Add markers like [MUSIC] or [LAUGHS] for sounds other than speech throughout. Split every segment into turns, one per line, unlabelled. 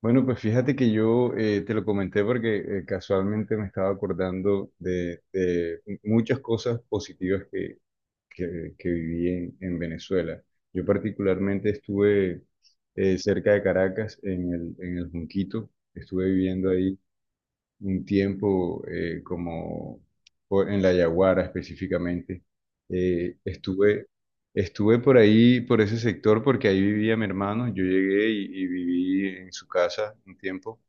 Bueno, pues fíjate que yo te lo comenté porque casualmente me estaba acordando de muchas cosas positivas que viví en Venezuela. Yo particularmente estuve cerca de Caracas, en el Junquito, estuve viviendo ahí un tiempo como por- en la Yaguara específicamente. Eh, estuve, estuve por ahí, por ese sector, porque ahí vivía mi hermano. Yo llegué y viví en su casa un tiempo.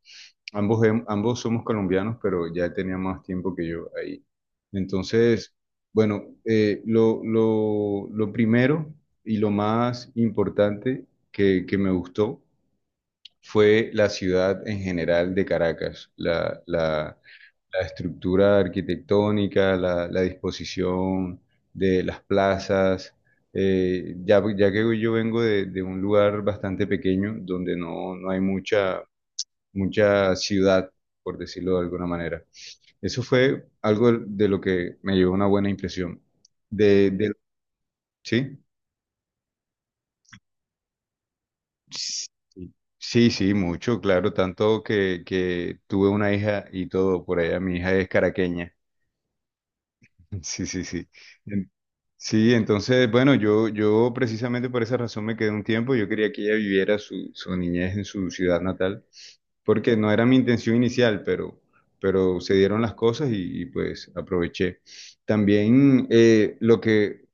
Ambos, em- ambos somos colombianos, pero ya tenía más tiempo que yo ahí. Entonces, bueno, lo primero y lo más importante que me gustó fue la ciudad en general de Caracas, la estructura arquitectónica, la disposición de las plazas. Ya que yo vengo de un lugar bastante pequeño donde no hay mucha ciudad, por decirlo de alguna manera. Eso fue algo de lo que me llevó una buena impresión. De, de, ¿Sí? Sí, sí, sí, mucho, claro, tanto que tuve una hija y todo por allá. Mi hija es caraqueña. Sí, sí, sí. En- Sí, entonces, bueno, yo precisamente por esa razón me quedé un tiempo. Yo quería que ella viviera su niñez en su ciudad natal, porque no era mi intención inicial, pero se dieron las cosas pues aproveché. También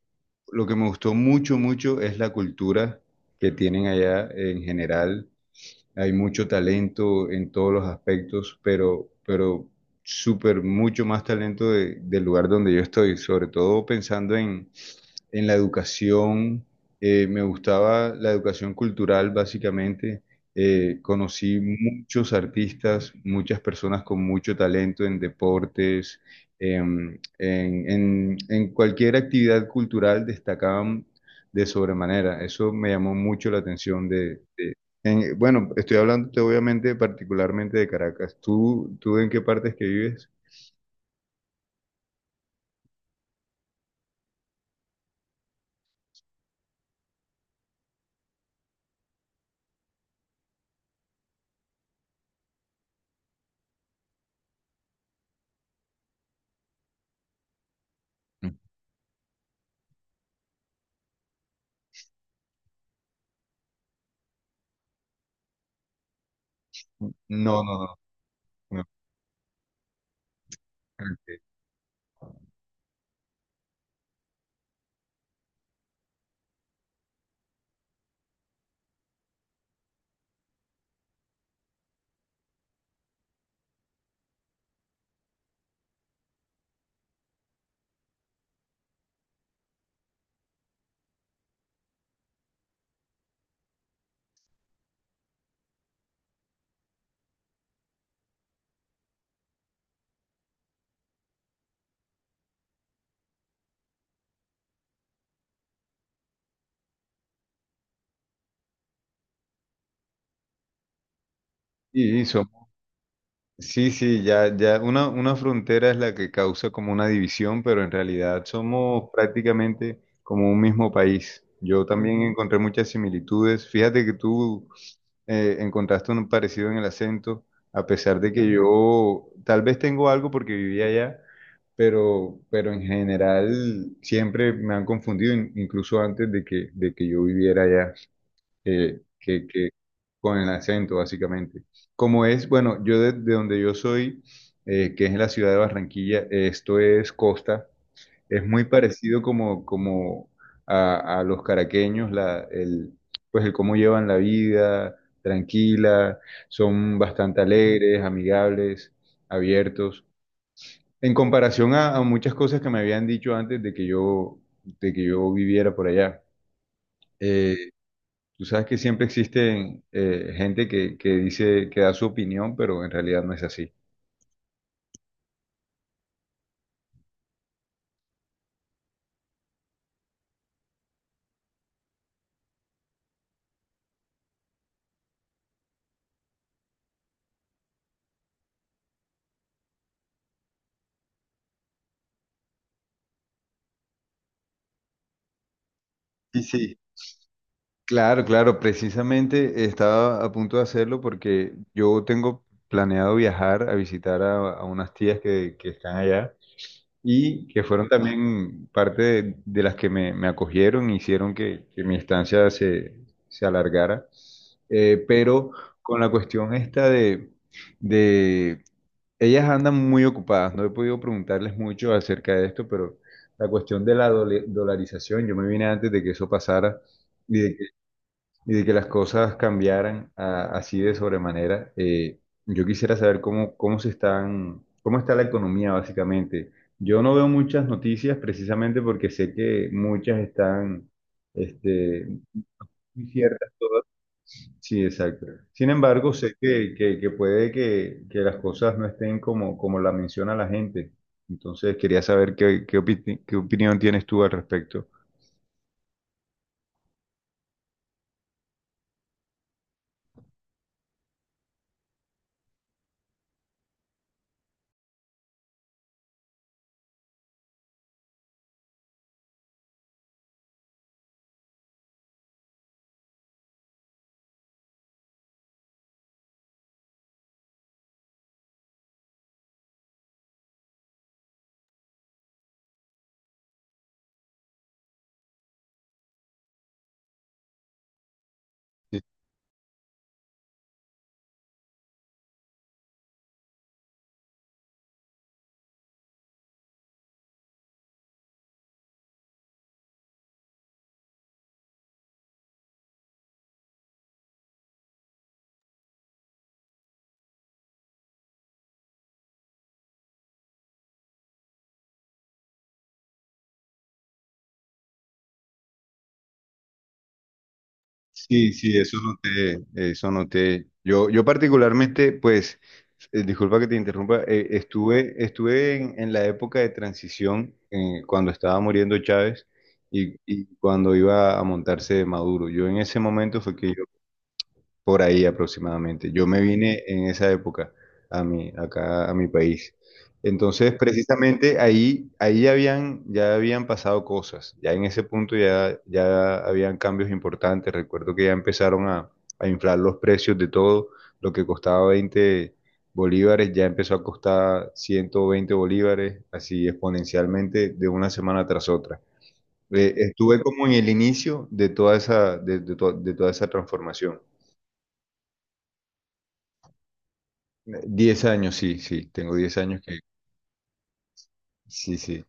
lo que me gustó mucho, mucho es la cultura que tienen allá en general. Hay mucho talento en todos los aspectos, pero súper mucho más talento de- del lugar donde yo estoy, sobre todo pensando en la educación. Me gustaba la educación cultural, básicamente. Conocí muchos artistas, muchas personas con mucho talento en deportes, en cualquier actividad cultural destacaban de sobremanera. Eso me llamó mucho la atención de en- bueno, estoy hablando obviamente particularmente de Caracas. ¿Tú, tú en qué partes que vives? Mm. No, no, no. No. Ok. Y son. Sí, sí, ya una frontera es la que causa como una división, pero en realidad somos prácticamente como un mismo país. Yo también encontré muchas similitudes. Fíjate que tú encontraste un parecido en el acento, a pesar de que yo tal vez tengo algo porque vivía allá, pero en general siempre me han confundido, in- incluso antes de de que yo viviera allá que Con el acento, básicamente. Como es, bueno, yo de donde yo soy, que es en la ciudad de Barranquilla, esto es costa, es muy parecido como, como a los caraqueños, la, el, pues el cómo llevan la vida, tranquila, son bastante alegres, amigables, abiertos. En comparación a muchas cosas que me habían dicho antes de que de que yo viviera por allá. Eh, Tú sabes que siempre existe gente que dice que da su opinión, pero en realidad no es así. Sí, sí. Claro, claro, precisamente estaba a punto de hacerlo porque yo tengo planeado viajar a visitar a unas tías que están allá y que fueron también parte de las que me acogieron y hicieron que mi estancia se alargara. Pero con la cuestión esta de ellas andan muy ocupadas, no he podido preguntarles mucho acerca de esto, pero la cuestión de la dole- dolarización, yo me vine antes de que eso pasara y de y de que las cosas cambiaran a- así de sobremanera. Yo quisiera saber cómo, cómo se están, cómo está la economía básicamente. Yo no veo muchas noticias precisamente porque sé que muchas están este, inciertas. Sí, exacto. Sin embargo, sé que puede que las cosas no estén como, como la menciona la gente. Entonces, quería saber qué, qué, opi- qué opinión tienes tú al respecto. Sí, sí, eso noté, eso noté. Yo particularmente, pues, disculpa que te interrumpa, estuve en la época de transición, cuando estaba muriendo Chávez y cuando iba a montarse Maduro. Yo en ese momento fue que yo por ahí aproximadamente. Yo me vine en esa época a mi, acá a mi país. Entonces, precisamente ahí, ahí habían, ya habían pasado cosas. Ya en ese punto ya, ya habían cambios importantes. Recuerdo que ya empezaron a inflar los precios de todo. Lo que costaba 20 bolívares ya empezó a costar 120 bolívares, así exponencialmente de una semana tras otra. Estuve como en el inicio de toda esa, de to- de toda esa transformación. 10 años, sí, sí, tengo 10 años que... Sí, sí,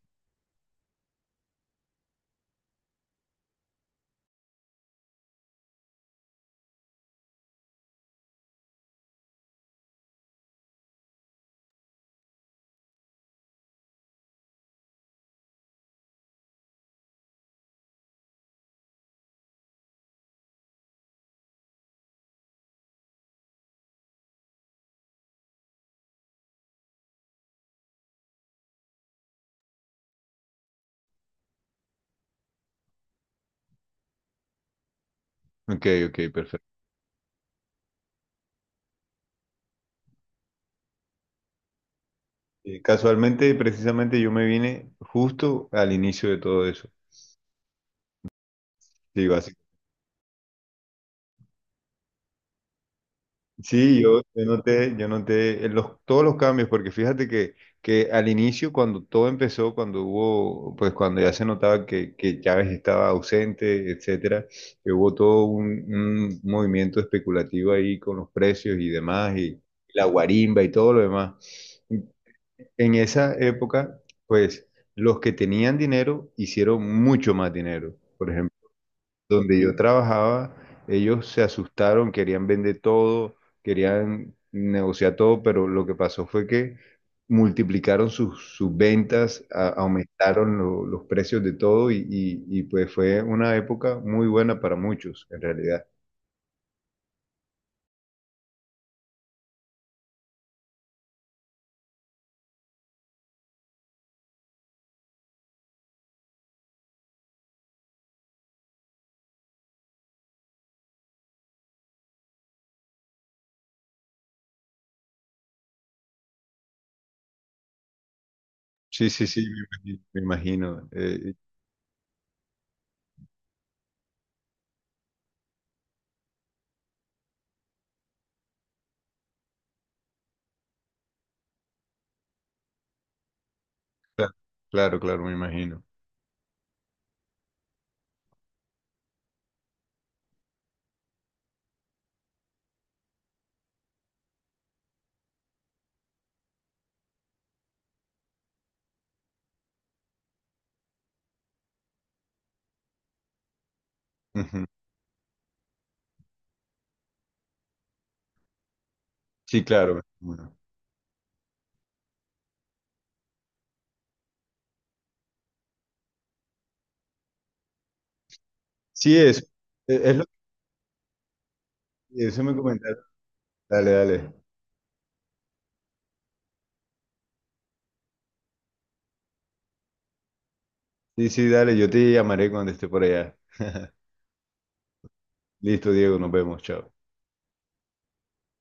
ok, ok, perfecto. Y casualmente, precisamente, yo me vine justo al inicio de todo eso. Sí, básicamente. Sí, yo, yo noté todos los cambios, porque fíjate que al inicio, cuando todo empezó, cuando hubo, pues cuando ya se notaba que Chávez estaba ausente, etcétera, que hubo todo un movimiento especulativo ahí con los precios y demás, y la guarimba y todo lo demás. En esa época, pues los que tenían dinero hicieron mucho más dinero. Por ejemplo, donde yo trabajaba, ellos se asustaron, querían vender todo, querían negociar todo, pero lo que pasó fue que multiplicaron sus, sus ventas, a- aumentaron lo- los precios de todo y, pues fue una época muy buena para muchos, en realidad. Sí, sí, sí, me imagino. Me imagino, y- claro, claro, claro, me imagino. Ujú. Sí, claro. Sí, es lo que eso me comentaron. Dale, dale. Sí, sí, dale, yo te llamaré cuando esté por allá. [LAUGHS] Listo, Diego, nos vemos, chao.